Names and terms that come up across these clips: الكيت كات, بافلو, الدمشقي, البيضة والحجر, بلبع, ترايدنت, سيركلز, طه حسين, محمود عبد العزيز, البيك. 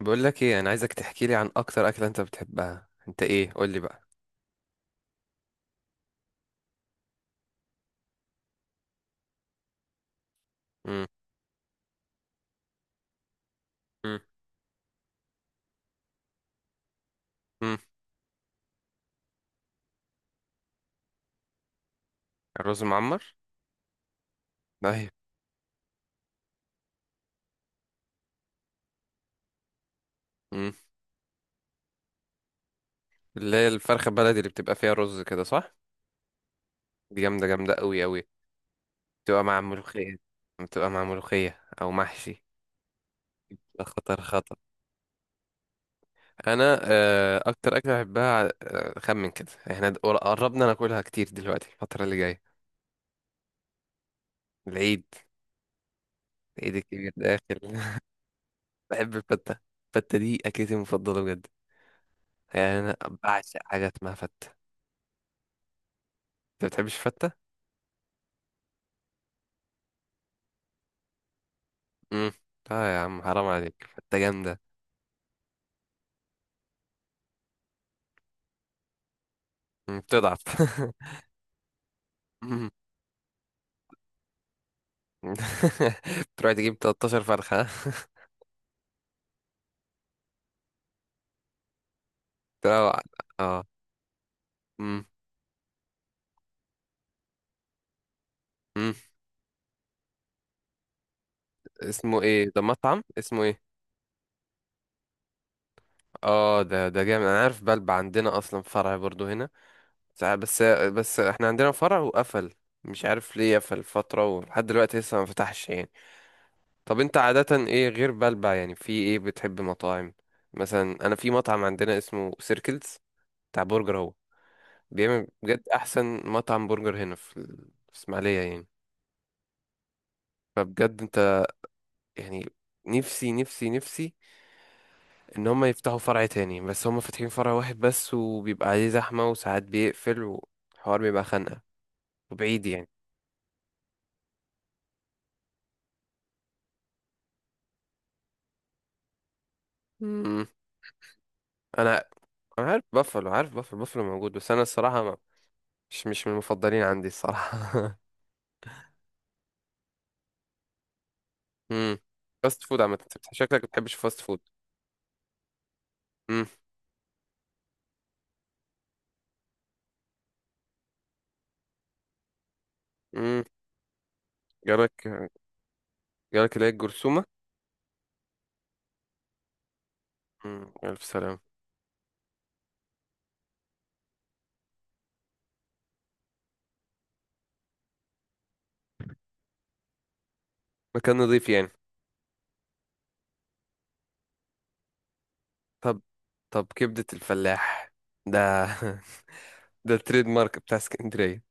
بقول لك ايه، انا عايزك تحكي لي عن اكتر اكله انت بتحبها، انت ايه؟ قول لي بقى. امم. امم. امم. الرز المعمر. ايوه. امم. اللي هي الفرخه البلدي اللي بتبقى فيها رز كده، صح؟ دي جامده جامده قوي قوي. بتبقى مع ملوخيه. بتبقى مع ملوخيه او محشي. ده خطر خطر. انا اكتر اكله بحبها، خمن كده احنا قربنا ناكلها كتير دلوقتي، الفتره اللي جايه. العيد. العيد الكبير داخل. بحب الفته. الفته دي اكلتي المفضله بجد. يعني انا. بعشق حاجه اسمها فته. انت بتحبش الفتة؟ امم. اه يا عم، حرام عليك، فتة جامدة. بتضعف. مم. بتروح تجيب 13 فرخة، ها؟ تروح. اه. مم. مم. اسمه ايه ده؟ مطعم اسمه ايه؟ اه ده جامد، انا عارف بلبع، عندنا اصلا فرع برضو هنا. بس. بس احنا عندنا فرع وقفل. مش عارف ليه قفل فترة ولحد دلوقتي لسه ما فتحش يعني. طب انت عادة ايه غير بلبع؟ يعني في ايه بتحب مطاعم؟ مثلا انا في مطعم عندنا اسمه سيركلز. بتاع برجر هو. بيعمل بجد احسن مطعم برجر هنا في اسماعيليه يعني. فبجد انت. يعني. نفسي نفسي نفسي. ان هم يفتحوا فرع تاني، بس هم فاتحين فرع واحد بس وبيبقى عليه زحمه وساعات بيقفل، والحوار بيبقى خانقه. وبعيد يعني. مم. انا انا عارف بافلو، عارف بافلو، بافلو موجود، بس انا الصراحه ما مش من المفضلين عندي الصراحه. امم. فاست فود عامه، انت شكلك ما بتحبش فاست فود. امم. امم. جالك. جالك اللي هي الجرثومه. الف سلامه. مكان نظيف يعني. طب. طب كبدة الفلاح. ده. ده التريد مارك بتاع اسكندرية.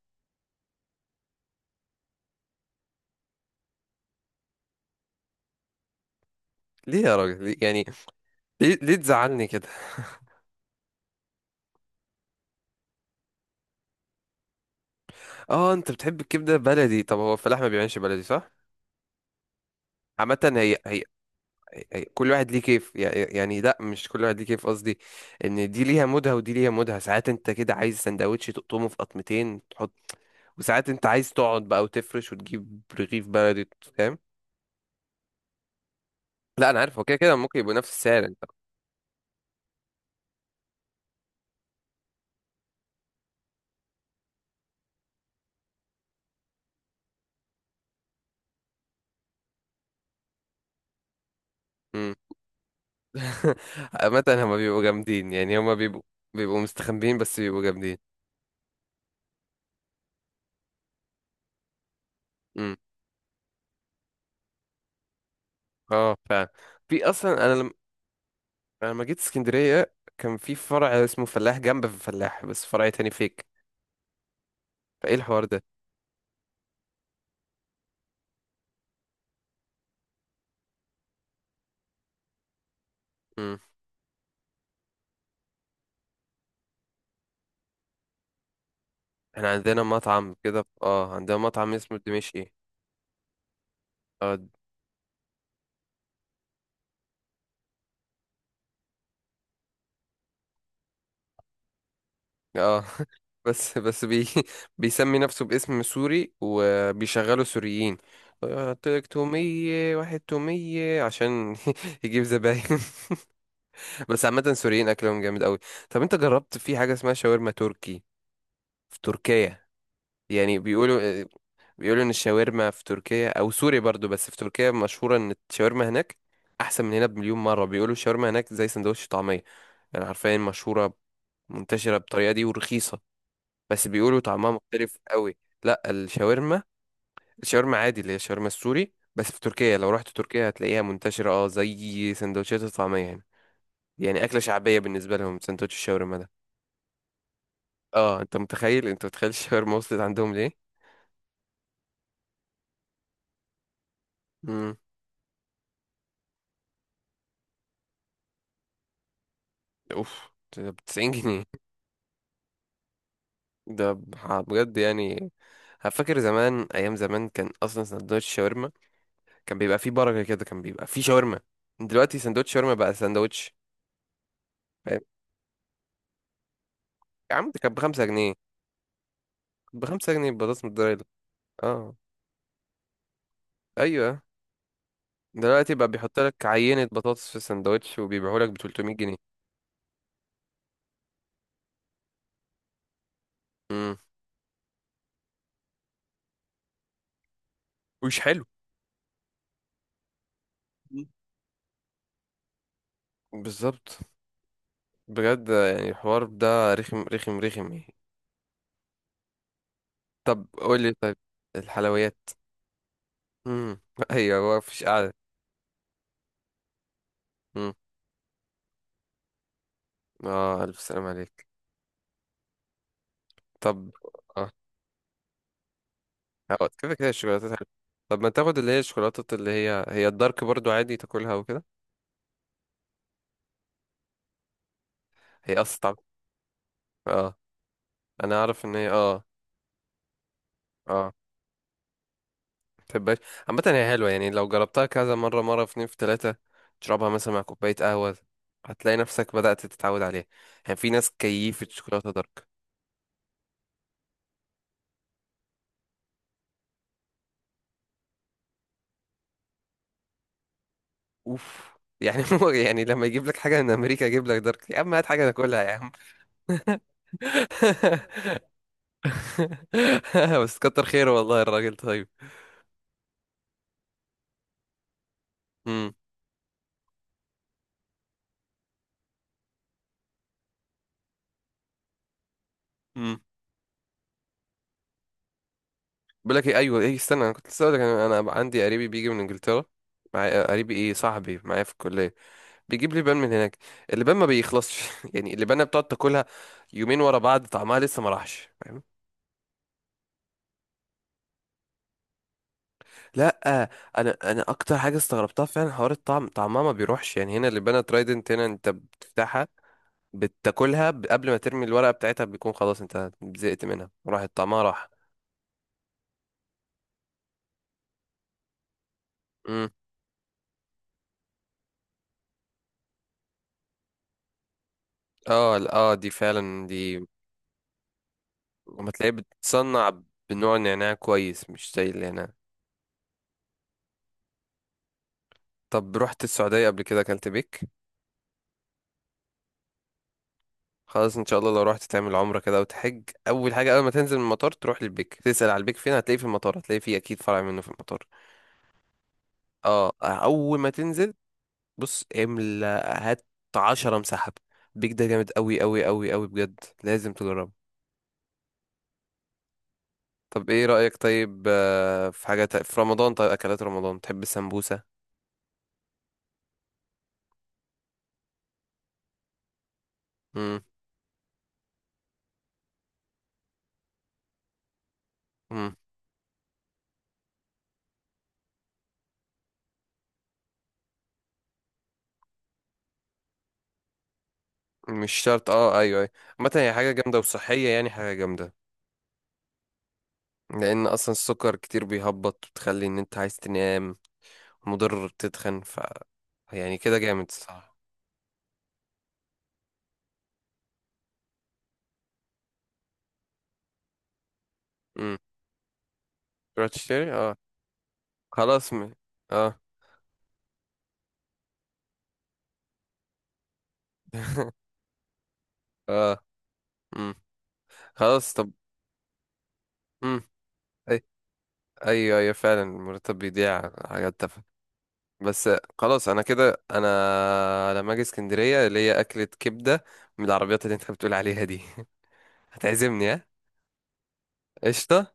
ليه يا راجل؟ يعني. ليه تزعلني كده. اه انت بتحب الكبدة بلدي، طب هو الفلاح ما بيعملش بلدي، صح؟ عامة هي كل واحد ليه كيف يعني، لا مش كل واحد ليه كيف، قصدي. ان دي ليها مودها ودي ليها مودها، ساعات انت كده عايز سندوتش تقطمه في قطمتين تحط. وساعات انت عايز تقعد بقى وتفرش وتجيب رغيف بلدي، فاهم؟ لا انا عارف، هو كده كده ممكن يبقوا نفس السعر، انت. إمم. عامة هما بيبقوا جامدين، يعني هما بيبقوا. بيبقوا مستخبيين بس بيبقوا جامدين. امم. اه فعلا. في اصلا انا لما. أنا لما جيت اسكندرية كان في فرع اسمه فلاح، جنب في فلاح، بس فرع تاني فيك. فايه الحوار ده؟ امم. احنا عندنا مطعم كده، اه عندنا مطعم اسمه الدمشقي. اه اه. بس بيسمي نفسه باسم سوري وبيشغلوا سوريين. قلت لك تومية، واحد تومية عشان يجيب زباين. بس عامة سوريين أكلهم جامد أوي. طب أنت جربت في حاجة اسمها شاورما تركي؟ في تركيا. يعني بيقولوا. بيقولوا إن الشاورما في تركيا أو سوريا برضو، بس في تركيا مشهورة إن الشاورما هناك. أحسن من هنا بمليون مرة. بيقولوا الشاورما هناك زي سندوتش طعمية. يعني حرفيا مشهورة. منتشرة بالطريقة دي ورخيصة. بس بيقولوا طعمها مختلف أوي. لا الشاورما. الشاورما عادي، اللي هي الشاورما السوري، بس في تركيا لو رحت تركيا هتلاقيها منتشرة، اه زي سندوتشات الطعمية هنا. يعني أكلة شعبية بالنسبة لهم سندوتش الشاورما ده. اه انت متخيل، انت متخيل الشاورما وصلت عندهم ليه؟ امم. اوف. ده ب 90 جنيه. ده بجد يعني. فاكر زمان، ايام زمان كان اصلا سندوتش شاورما. كان بيبقى فيه بركه كده، كان بيبقى فيه شاورما. دلوقتي سندوتش شاورما بقى سندوتش. فاهم؟ يا عم، ده كان ب 5 جنيه. ب 5 جنيه بطاطس متضربة. اه. ايوه. دلوقتي بقى بيحط لك عينه بطاطس في السندوتش وبيبيعه لك ب 300 جنيه. امم. ومش حلو. مم. بالظبط. بجد يعني الحوار ده رخم رخم رخم يعني. طب قول لي طيب. الحلويات. امم. ايوه. هو مفيش قعده. امم. اه الف سلام عليك. طب. اه، هو كده كده الشوكولاتات حلوة. طب ما تاخد اللي هي الشوكولاتة، اللي هي الدارك برضو عادي تاكلها وكده. هي اصلا طعم. اه. انا اعرف ان هي، اه. اه. متحبهاش. عامة هي حلوة، يعني لو جربتها كذا مرة مرة في اتنين في تلاتة. تشربها مثلا مع كوباية قهوة. هتلاقي نفسك بدأت تتعود عليها. يعني في ناس كيفة شوكولاتة دارك. اوف. يعني، هو يعني لما يجيب لك حاجه من امريكا يجيب لك دارك؟ يا عم هات حاجه ناكلها يا عم. بس كتر خيره والله، الراجل طيب. امم. امم. بقول لك ايه، ايوه ايه استنى، انا كنت لسه هقول لك، انا عندي قريبي بيجي من انجلترا. معايا قريبي، ايه صاحبي معايا في الكليه. بيجيب لي بان من هناك. اللبان ما بيخلصش. يعني اللبانه بتقعد تاكلها. يومين ورا بعض طعمها لسه ما راحش، فاهم؟ لا. انا اكتر حاجه استغربتها فعلا حوار الطعم، طعمها ما بيروحش يعني، هنا اللبانه ترايدنت هنا انت بتفتحها. بتاكلها قبل ما ترمي الورقة بتاعتها بيكون خلاص، انت زهقت منها راح طعمها راح. امم. اه اه دي فعلا دي. لما تلاقيه بتصنع. بنوع نعناع كويس، مش زي النعناع. طب رحت السعودية قبل كده، اكلت بيك؟ خلاص، ان شاء الله لو رحت تعمل عمرة كده وتحج، اول حاجة اول ما تنزل من المطار تروح للبيك، تسأل على البيك فين، هتلاقيه في المطار، هتلاقيه فيه اكيد فرع منه في المطار. اه اول ما تنزل. بص، املا. هات. 10 مسحب. بيك ده جامد قوي قوي قوي قوي بجد، لازم تجربه. طب ايه رأيك طيب، في حاجة في رمضان، طيب اكلات رمضان، تحب السمبوسة؟ امم. امم. مش شرط، اه ايوه ايوه. عامة هي حاجة جامدة وصحية، يعني حاجة جامدة. لان اصلا السكر كتير بيهبط، بتخلي ان انت عايز تنام. مضر بتتخن، ف. يعني كده جامد، صح؟ امم. تروح تشتري، اه. خلاص اه. اه. امم. خلاص، طب. امم. ايوه ايوه أيوة، فعلا المرتب بيضيع على حاجات. بس. خلاص انا كده انا لما اجي اسكندريه اللي هي اكله كبده. من العربيات اللي انت بتقول عليها دي. هتعزمني، ها؟ قشطه.